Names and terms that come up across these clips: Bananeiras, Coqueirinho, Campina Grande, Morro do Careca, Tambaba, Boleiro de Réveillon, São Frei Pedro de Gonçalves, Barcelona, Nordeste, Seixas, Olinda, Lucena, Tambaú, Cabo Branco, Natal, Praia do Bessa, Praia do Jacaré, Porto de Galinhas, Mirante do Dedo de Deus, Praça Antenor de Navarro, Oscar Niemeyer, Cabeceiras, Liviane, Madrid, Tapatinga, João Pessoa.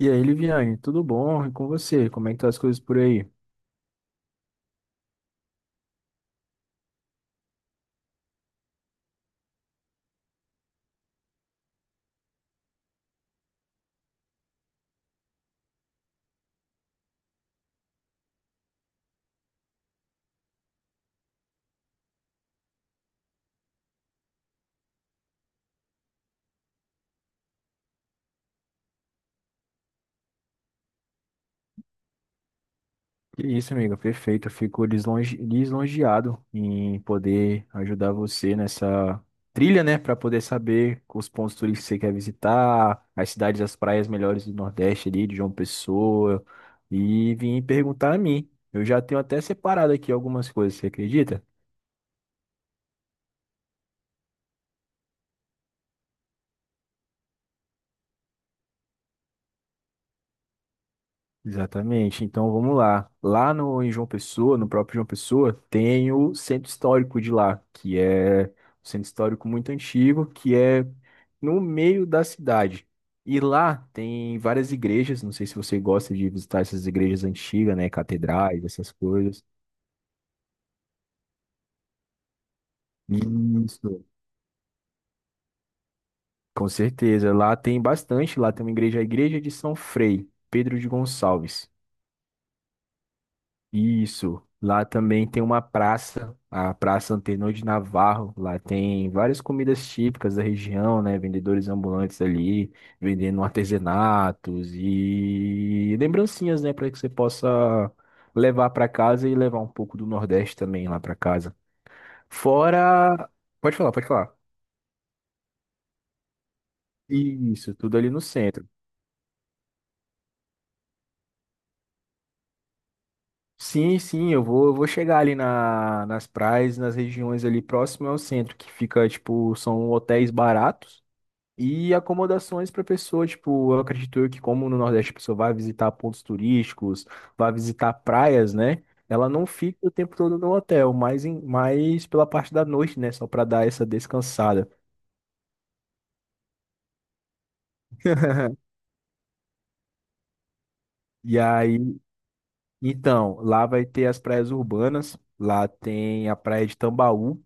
E aí, Liviane, tudo bom? E com você? Como é que tá as coisas por aí? Que isso, amiga, perfeito. Eu fico lisonjeado em poder ajudar você nessa trilha, né? Para poder saber os pontos turísticos que você quer visitar, as cidades, as praias melhores do Nordeste ali, de João Pessoa, e vir perguntar a mim. Eu já tenho até separado aqui algumas coisas, você acredita? Exatamente. Então vamos lá. Lá em João Pessoa, no próprio João Pessoa, tem o centro histórico de lá, que é um centro histórico muito antigo, que é no meio da cidade. E lá tem várias igrejas, não sei se você gosta de visitar essas igrejas antigas, né, catedrais, essas coisas. Isso. Com certeza, lá tem bastante, lá tem uma igreja, a igreja de São Frei Pedro de Gonçalves. Isso. Lá também tem uma praça, a Praça Antenor de Navarro. Lá tem várias comidas típicas da região, né? Vendedores ambulantes ali, vendendo artesanatos e lembrancinhas, né? Para que você possa levar para casa e levar um pouco do Nordeste também lá para casa. Fora. Pode falar, pode falar. Isso, tudo ali no centro. Sim, sim, eu vou chegar ali nas praias, nas regiões ali próximas ao centro, que fica, tipo, são hotéis baratos. E acomodações para pessoa, tipo, eu acredito eu que como no Nordeste a pessoa vai visitar pontos turísticos, vai visitar praias, né? Ela não fica o tempo todo no hotel, mas, mas pela parte da noite, né? Só para dar essa descansada. E aí, então, lá vai ter as praias urbanas, lá tem a praia de Tambaú,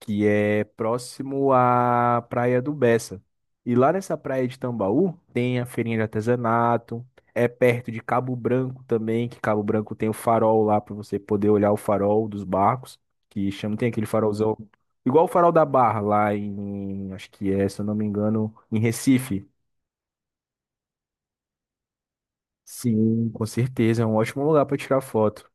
que é próximo à Praia do Bessa. E lá nessa praia de Tambaú tem a feirinha de artesanato, é perto de Cabo Branco também, que Cabo Branco tem o farol lá para você poder olhar o farol dos barcos, que chama, tem aquele farolzão, igual o farol da Barra lá em, acho que é, se eu não me engano, em Recife. Sim, com certeza, é um ótimo lugar para tirar foto.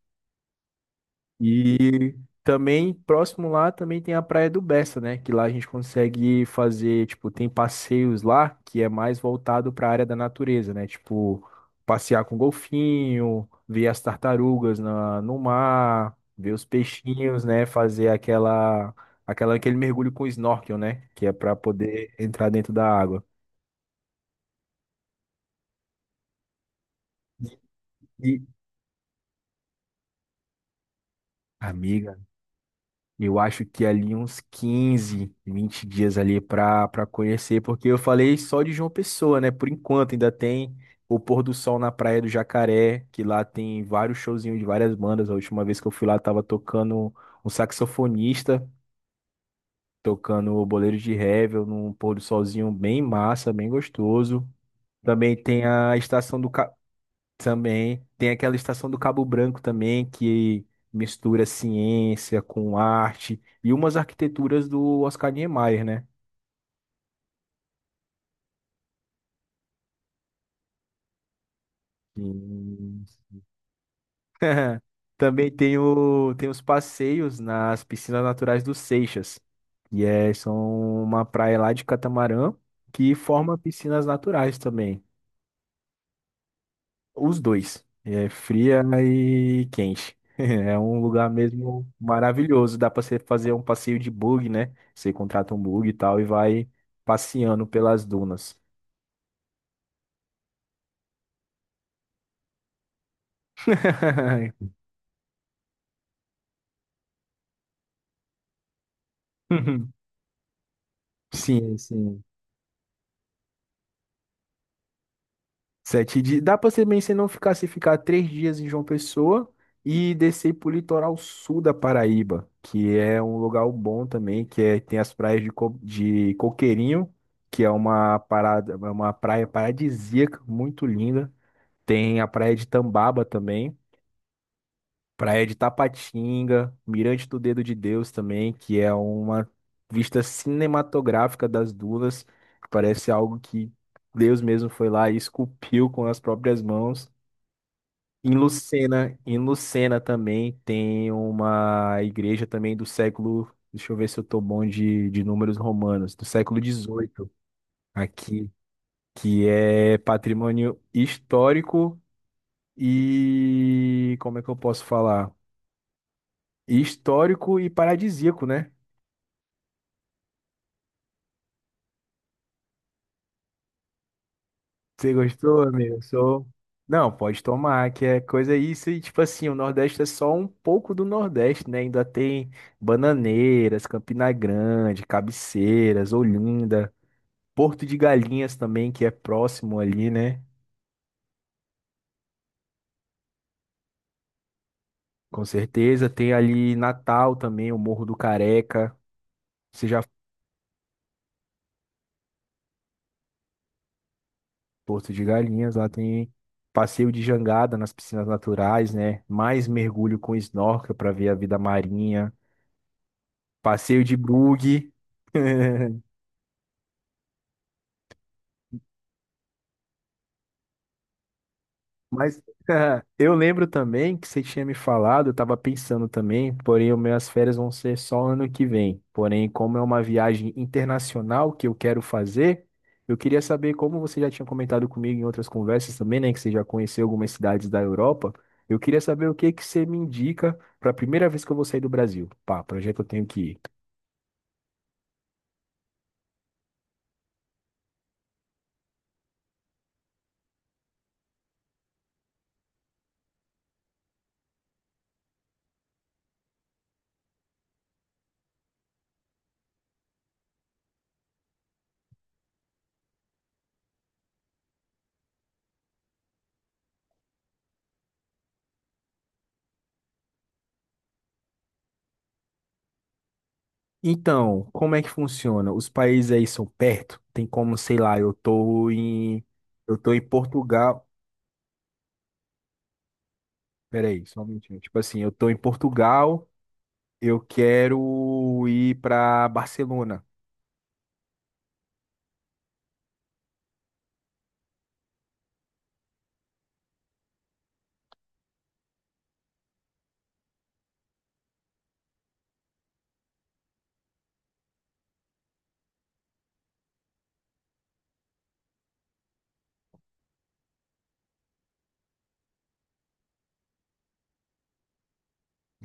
E também, próximo lá, também tem a Praia do Bessa, né? Que lá a gente consegue fazer, tipo, tem passeios lá que é mais voltado para a área da natureza, né? Tipo, passear com golfinho, ver as tartarugas no mar, ver os peixinhos, né? Fazer aquela, aquele mergulho com snorkel, né? Que é para poder entrar dentro da água. E, e- Amiga, eu acho que é ali uns 15, 20 dias ali para conhecer, porque eu falei só de João Pessoa, né? Por enquanto ainda tem o pôr do sol na Praia do Jacaré, que lá tem vários showzinhos de várias bandas. A última vez que eu fui lá tava tocando um saxofonista, tocando o Boleiro de Réveillon, num pôr do solzinho bem massa, bem gostoso. Também tem a estação do Também tem aquela estação do Cabo Branco também, que mistura ciência com arte e umas arquiteturas do Oscar Niemeyer, né? E- Também tem, tem os passeios nas piscinas naturais dos Seixas, que é, são uma praia lá de catamarã que forma piscinas naturais também. Os dois. É fria e quente. É um lugar mesmo maravilhoso. Dá para você fazer um passeio de bug, né? Você contrata um bug e tal e vai passeando pelas dunas. Sim, sim. Sete dias. Dá pra ser bem se não ficar se ficar três dias em João Pessoa e descer pro litoral sul da Paraíba, que é um lugar bom também, que é, tem as praias de, de Coqueirinho, que é uma parada, é uma praia paradisíaca, muito linda. Tem a praia de Tambaba também, praia de Tapatinga, Mirante do Dedo de Deus também, que é uma vista cinematográfica das dunas. Que parece algo que Deus mesmo foi lá e esculpiu com as próprias mãos. Em Lucena também tem uma igreja também do século, deixa eu ver se eu tô bom de números romanos, do século XVIII aqui, que é patrimônio histórico e como é que eu posso falar? Histórico e paradisíaco, né? Você gostou, amigo? Sou. Não, pode tomar, que é coisa isso. E tipo assim, o Nordeste é só um pouco do Nordeste, né? Ainda tem Bananeiras, Campina Grande, Cabeceiras, Olinda, Porto de Galinhas também, que é próximo ali, né? Com certeza. Tem ali Natal também, o Morro do Careca. Você já foi em Porto de Galinhas, lá tem passeio de jangada nas piscinas naturais, né? Mais mergulho com snorkel para ver a vida marinha. Passeio de bug. Mas eu lembro também que você tinha me falado, eu estava pensando também, porém, as minhas férias vão ser só ano que vem. Porém, como é uma viagem internacional que eu quero fazer, eu queria saber como você já tinha comentado comigo em outras conversas também, né, que você já conheceu algumas cidades da Europa. Eu queria saber o que que você me indica para a primeira vez que eu vou sair do Brasil. Pá, para onde é que eu tenho que ir? Então, como é que funciona? Os países aí são perto? Tem como, sei lá, eu tô em Portugal. Peraí, só um minutinho. Tipo assim, eu tô em Portugal, eu quero ir pra Barcelona.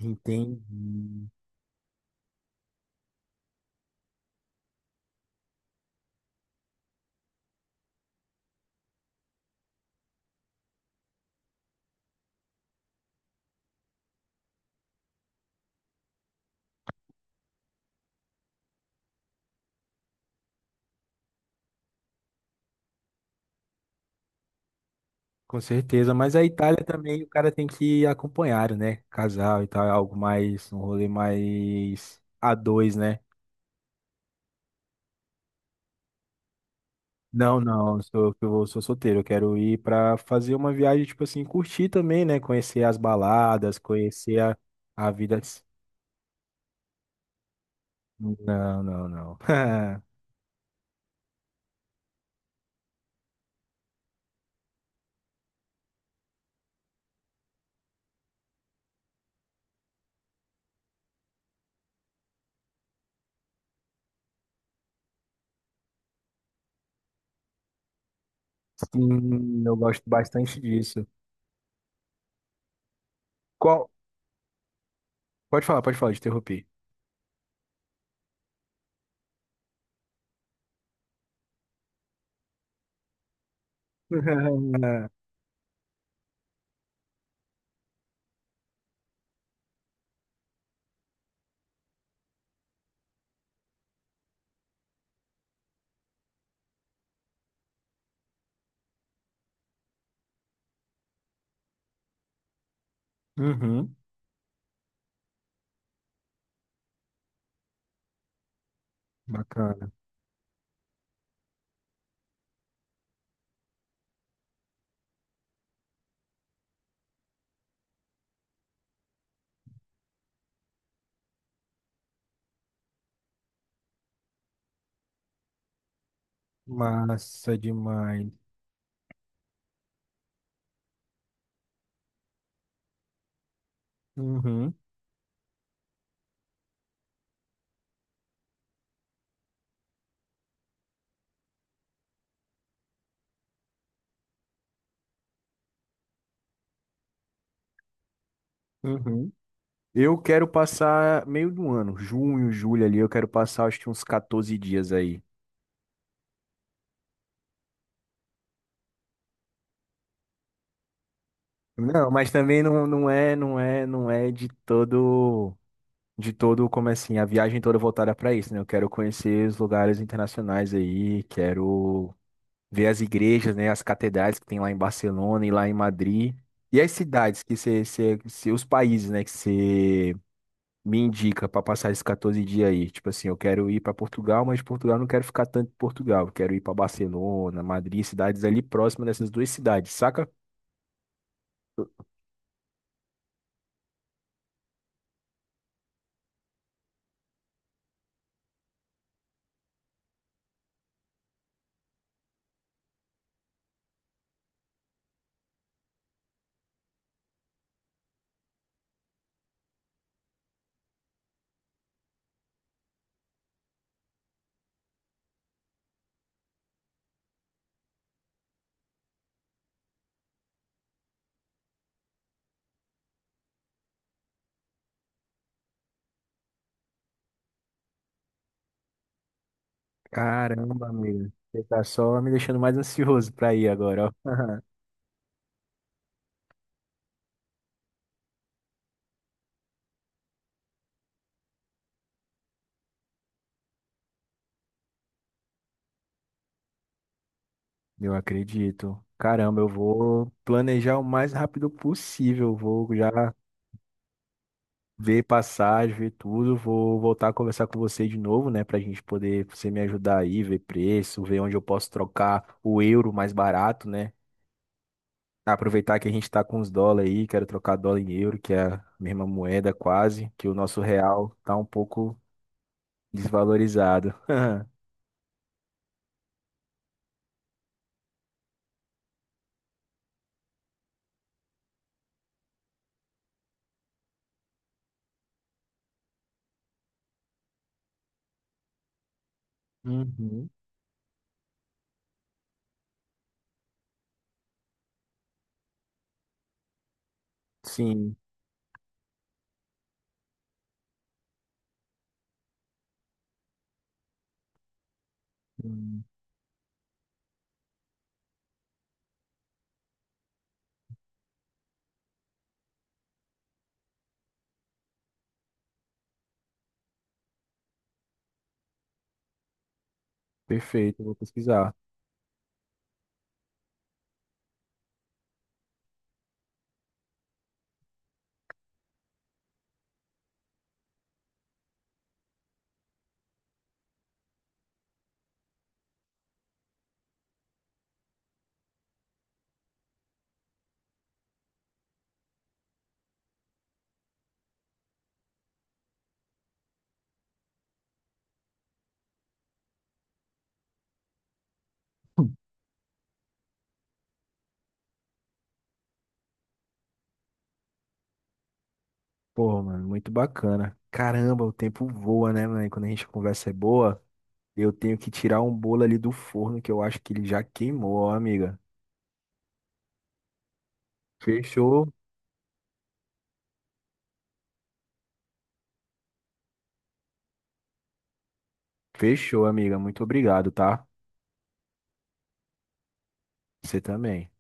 Entendi. Com certeza, mas a Itália também o cara tem que ir acompanhado, né? Casal e tal, é algo mais, um rolê mais a dois, né? Não, não, eu sou solteiro, eu quero ir pra fazer uma viagem, tipo assim, curtir também, né? Conhecer as baladas, conhecer a vida. Não, não, não. Sim, eu gosto bastante disso. Qual? Pode falar, te interrompi. Uhum, bacana. Massa demais. Uhum, uhum. Eu quero passar meio do ano, junho, julho ali, eu quero passar acho que uns 14 dias aí. Não, mas também não, não é de todo, como é assim, a viagem toda voltada para isso, né? Eu quero conhecer os lugares internacionais aí, quero ver as igrejas, né, as catedrais que tem lá em Barcelona e lá em Madrid. E as cidades que os países, né, que você me indica para passar esses 14 dias aí. Tipo assim, eu quero ir para Portugal, mas de Portugal eu não quero ficar tanto em Portugal. Eu quero ir para Barcelona, Madrid, cidades ali próximas dessas duas cidades, saca? Caramba, amigo. Você tá só me deixando mais ansioso pra ir agora, ó. Eu acredito. Caramba, eu vou planejar o mais rápido possível. Vou já ver passagem, ver tudo. Vou voltar a conversar com você de novo, né? Pra gente poder você me ajudar aí, ver preço, ver onde eu posso trocar o euro mais barato, né? Aproveitar que a gente tá com os dólares aí, quero trocar dólar em euro, que é a mesma moeda quase, que o nosso real tá um pouco desvalorizado. Uhum. Sim, hum, perfeito, eu vou pesquisar. Pô, mano, muito bacana. Caramba, o tempo voa, né, mano? Quando a gente conversa é boa. Eu tenho que tirar um bolo ali do forno que eu acho que ele já queimou, ó, amiga. Fechou, fechou, amiga. Muito obrigado, tá? Você também.